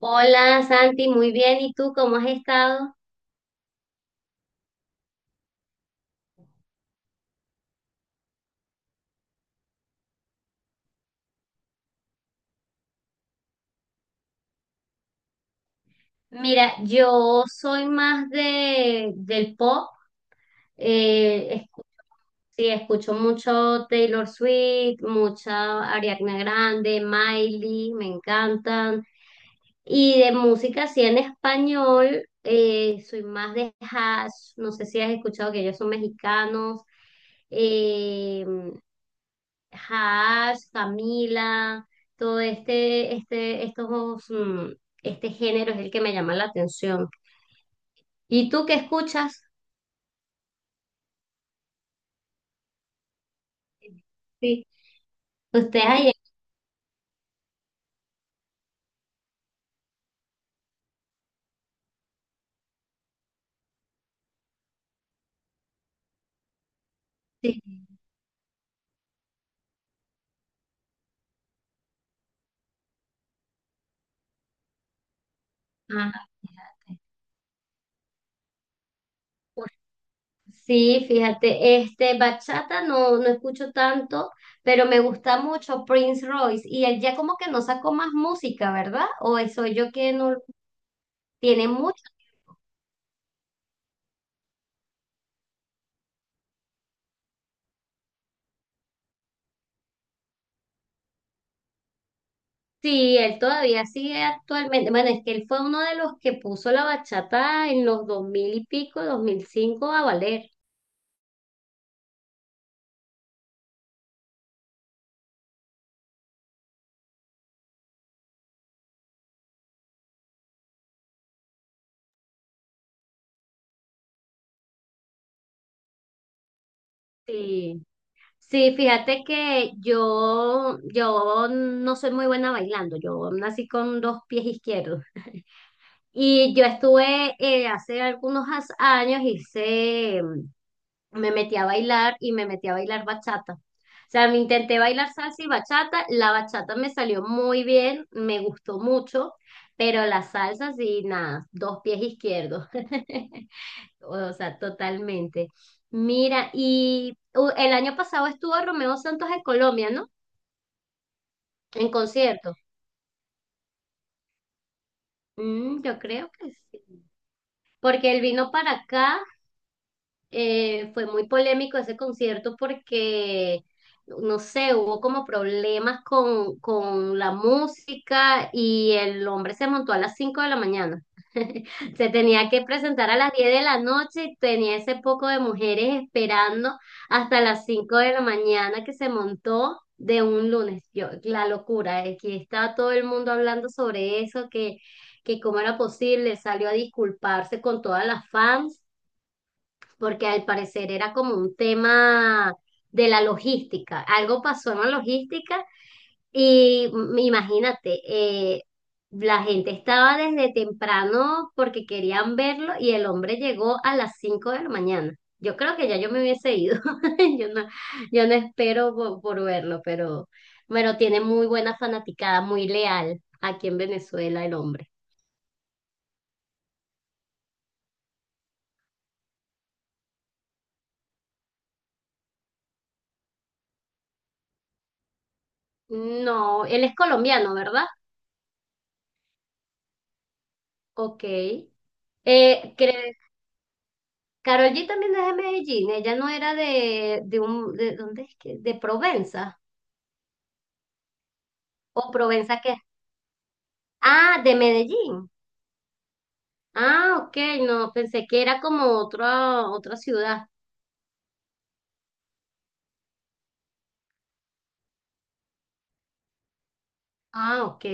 Hola Santi, muy bien. ¿Y tú cómo has estado? Mira, yo soy más del pop. Eh, escu- sí, escucho mucho Taylor Swift, mucha Ariana Grande, Miley, me encantan. Y de música así en español, soy más de Hash. No sé si has escuchado que ellos son mexicanos. Eh, Hash, Camila, todo este género es el que me llama la atención. ¿Y tú qué escuchas? Sí, ustedes ahí. Sí, ah, fíjate. Sí, fíjate, bachata no escucho tanto, pero me gusta mucho Prince Royce. Y él ya como que no sacó más música, ¿verdad? O soy yo que no tiene mucho. Sí, él todavía sigue actualmente. Bueno, es que él fue uno de los que puso la bachata en los 2000 y pico, dos mil cinco a valer. Sí, sí, fíjate que yo no soy muy buena bailando. Yo nací con dos pies izquierdos. Y yo estuve hace algunos años, hice me metí a bailar y me metí a bailar bachata. O sea, me intenté bailar salsa y bachata, la bachata me salió muy bien, me gustó mucho, pero la salsa sí, nada, dos pies izquierdos. O sea, totalmente. Mira, y el año pasado estuvo Romeo Santos en Colombia, ¿no? En concierto. Mm, yo creo que sí. Porque él vino para acá fue muy polémico ese concierto porque no sé, hubo como problemas con la música y el hombre se montó a las 5 de la mañana. Se tenía que presentar a las 10 de la noche y tenía ese poco de mujeres esperando hasta las 5 de la mañana que se montó de un lunes. Yo, la locura, aquí estaba todo el mundo hablando sobre eso, que cómo era posible, salió a disculparse con todas las fans porque al parecer era como un tema de la logística. Algo pasó en la logística y imagínate, la gente estaba desde temprano porque querían verlo y el hombre llegó a las 5 de la mañana. Yo creo que ya yo me hubiese ido. Yo no, yo no espero por verlo, pero tiene muy buena fanaticada, muy leal aquí en Venezuela el hombre. No, él es colombiano, ¿verdad? Ok. Creo Karol G también es de Medellín, ella no era ¿dónde es que? De Provenza, o Provenza qué, ah, de Medellín, ah, ok, no, pensé que era como otra, otra ciudad, ah, ok,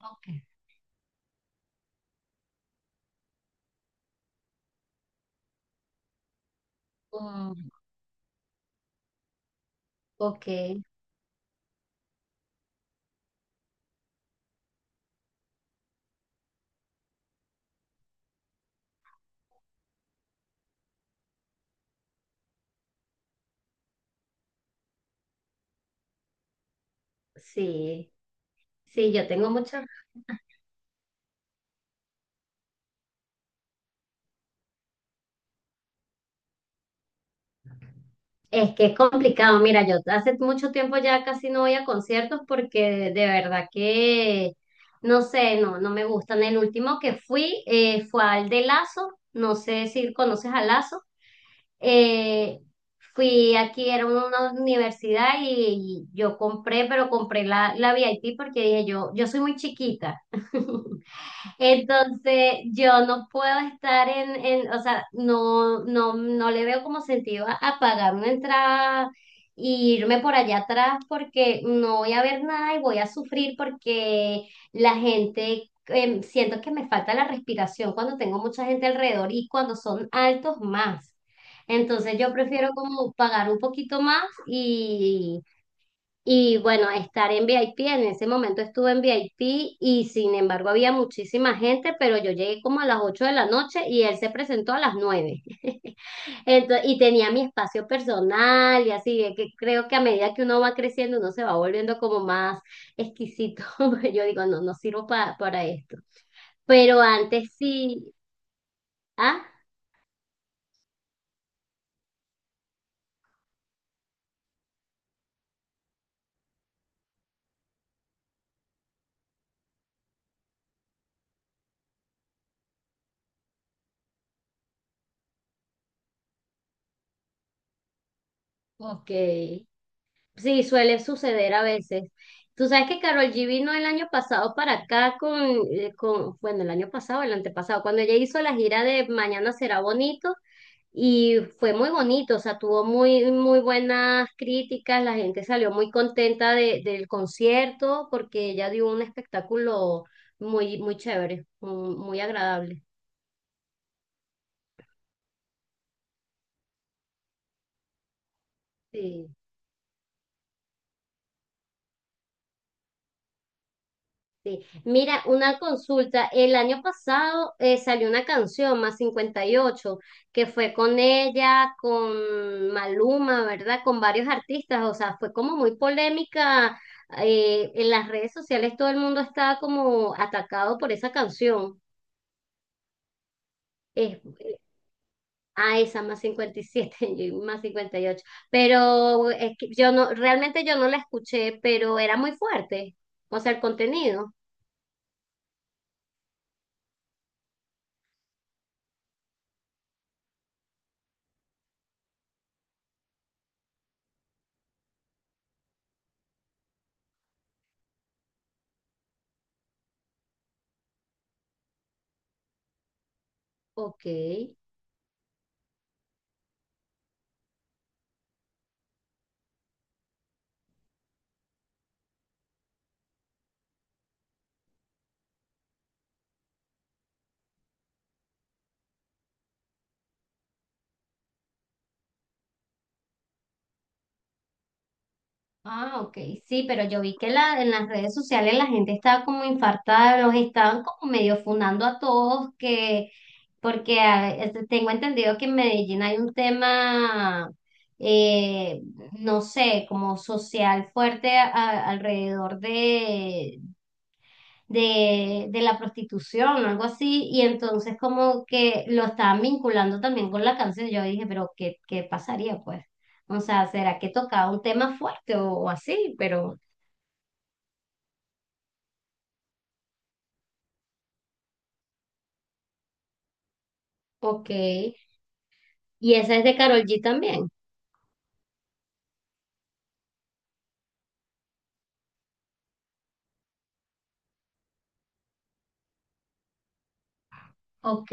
ok, mm, ok, sí, sí, yo tengo muchos. Es que es complicado. Mira, yo hace mucho tiempo ya casi no voy a conciertos porque de verdad que, no sé, no me gustan. El último que fui fue al de Lazo. No sé si conoces a Lazo. Eh, fui aquí, era una universidad y yo compré, pero compré la VIP porque dije yo, yo soy muy chiquita. Entonces, yo no puedo estar en, o sea, no le veo como sentido a pagar una entrada e irme por allá atrás porque no voy a ver nada y voy a sufrir porque la gente, siento que me falta la respiración cuando tengo mucha gente alrededor y cuando son altos más. Entonces, yo prefiero como pagar un poquito más y bueno, estar en VIP, en ese momento estuve en VIP y sin embargo había muchísima gente, pero yo llegué como a las 8 de la noche y él se presentó a las nueve. Entonces, y tenía mi espacio personal y así, de que creo que a medida que uno va creciendo, uno se va volviendo como más exquisito. Porque yo digo, no sirvo para esto. Pero antes sí, ah, ok. Sí, suele suceder a veces. Tú sabes que Karol G vino el año pasado para acá con el año pasado, el antepasado, cuando ella hizo la gira de Mañana será bonito y fue muy bonito, o sea, tuvo muy, muy buenas críticas, la gente salió muy contenta del concierto porque ella dio un espectáculo muy, muy chévere, muy, muy agradable. Sí. Sí. Mira, una consulta. El año pasado salió una canción, Más cincuenta y ocho, que fue con ella, con Maluma, ¿verdad? Con varios artistas. O sea, fue como muy polémica. En las redes sociales todo el mundo estaba como atacado por esa canción. Es, a esa más 57 y más 58. Pero es que yo no, realmente yo no la escuché, pero era muy fuerte. O sea, el contenido. Ok. Ah, ok, sí, pero yo vi que la, en las redes sociales la gente estaba como infartada, los estaban como medio fundando a todos, que tengo entendido que en Medellín hay un tema, eh, no sé, como social fuerte alrededor de la prostitución o algo así, y entonces como que lo estaban vinculando también con la canción. Yo dije, pero ¿qué, qué pasaría pues? O sea, ¿será que tocaba un tema fuerte o así? Pero, ok. ¿Y esa es de Karol G también? Ok,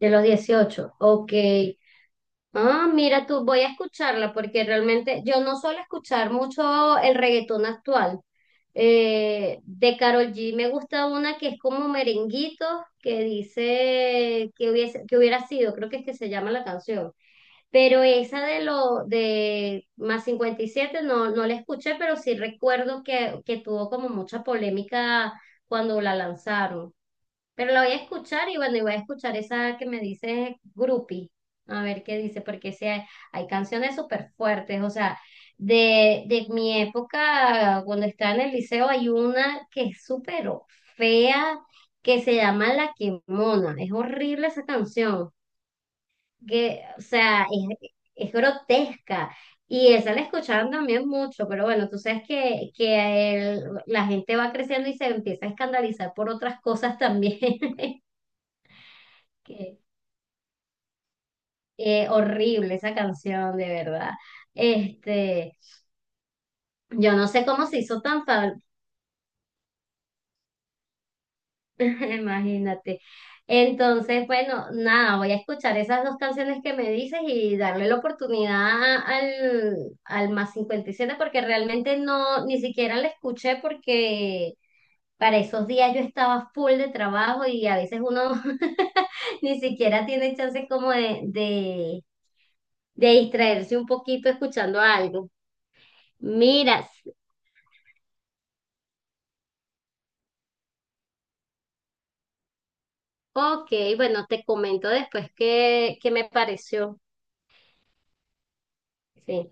de los dieciocho, ok. Ah, mira tú, voy a escucharla porque realmente yo no suelo escuchar mucho el reggaetón actual. De Karol G me gusta una que es como merenguito, que dice que hubiese, que hubiera sido, creo que es que se llama la canción. Pero esa de lo de más 57 no, no la escuché, pero sí recuerdo que tuvo como mucha polémica cuando la lanzaron. Pero la voy a escuchar y bueno, y voy a escuchar esa que me dice Grupi, a ver qué dice, porque sí hay canciones súper fuertes, o sea, de mi época, cuando estaba en el liceo, hay una que es súper fea, que se llama La Quemona, es horrible esa canción, que, o sea, es grotesca, y esa la escuchaban también mucho, pero bueno, tú sabes que la gente va creciendo y se empieza a escandalizar por otras cosas también. que- horrible esa canción, de verdad. Este, yo no sé cómo se hizo tan famosa. Imagínate. Entonces, bueno, nada, voy a escuchar esas dos canciones que me dices y darle la oportunidad al al más 57 porque realmente no, ni siquiera la escuché porque para esos días yo estaba full de trabajo y a veces uno ni siquiera tiene chance como de distraerse un poquito escuchando algo. Mira, ok, bueno, te comento después qué, qué me pareció. Sí.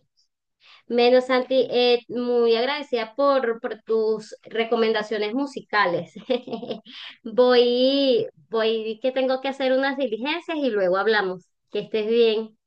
Menos Santi, muy agradecida por tus recomendaciones musicales. Voy, voy, que tengo que hacer unas diligencias y luego hablamos. Que estés bien.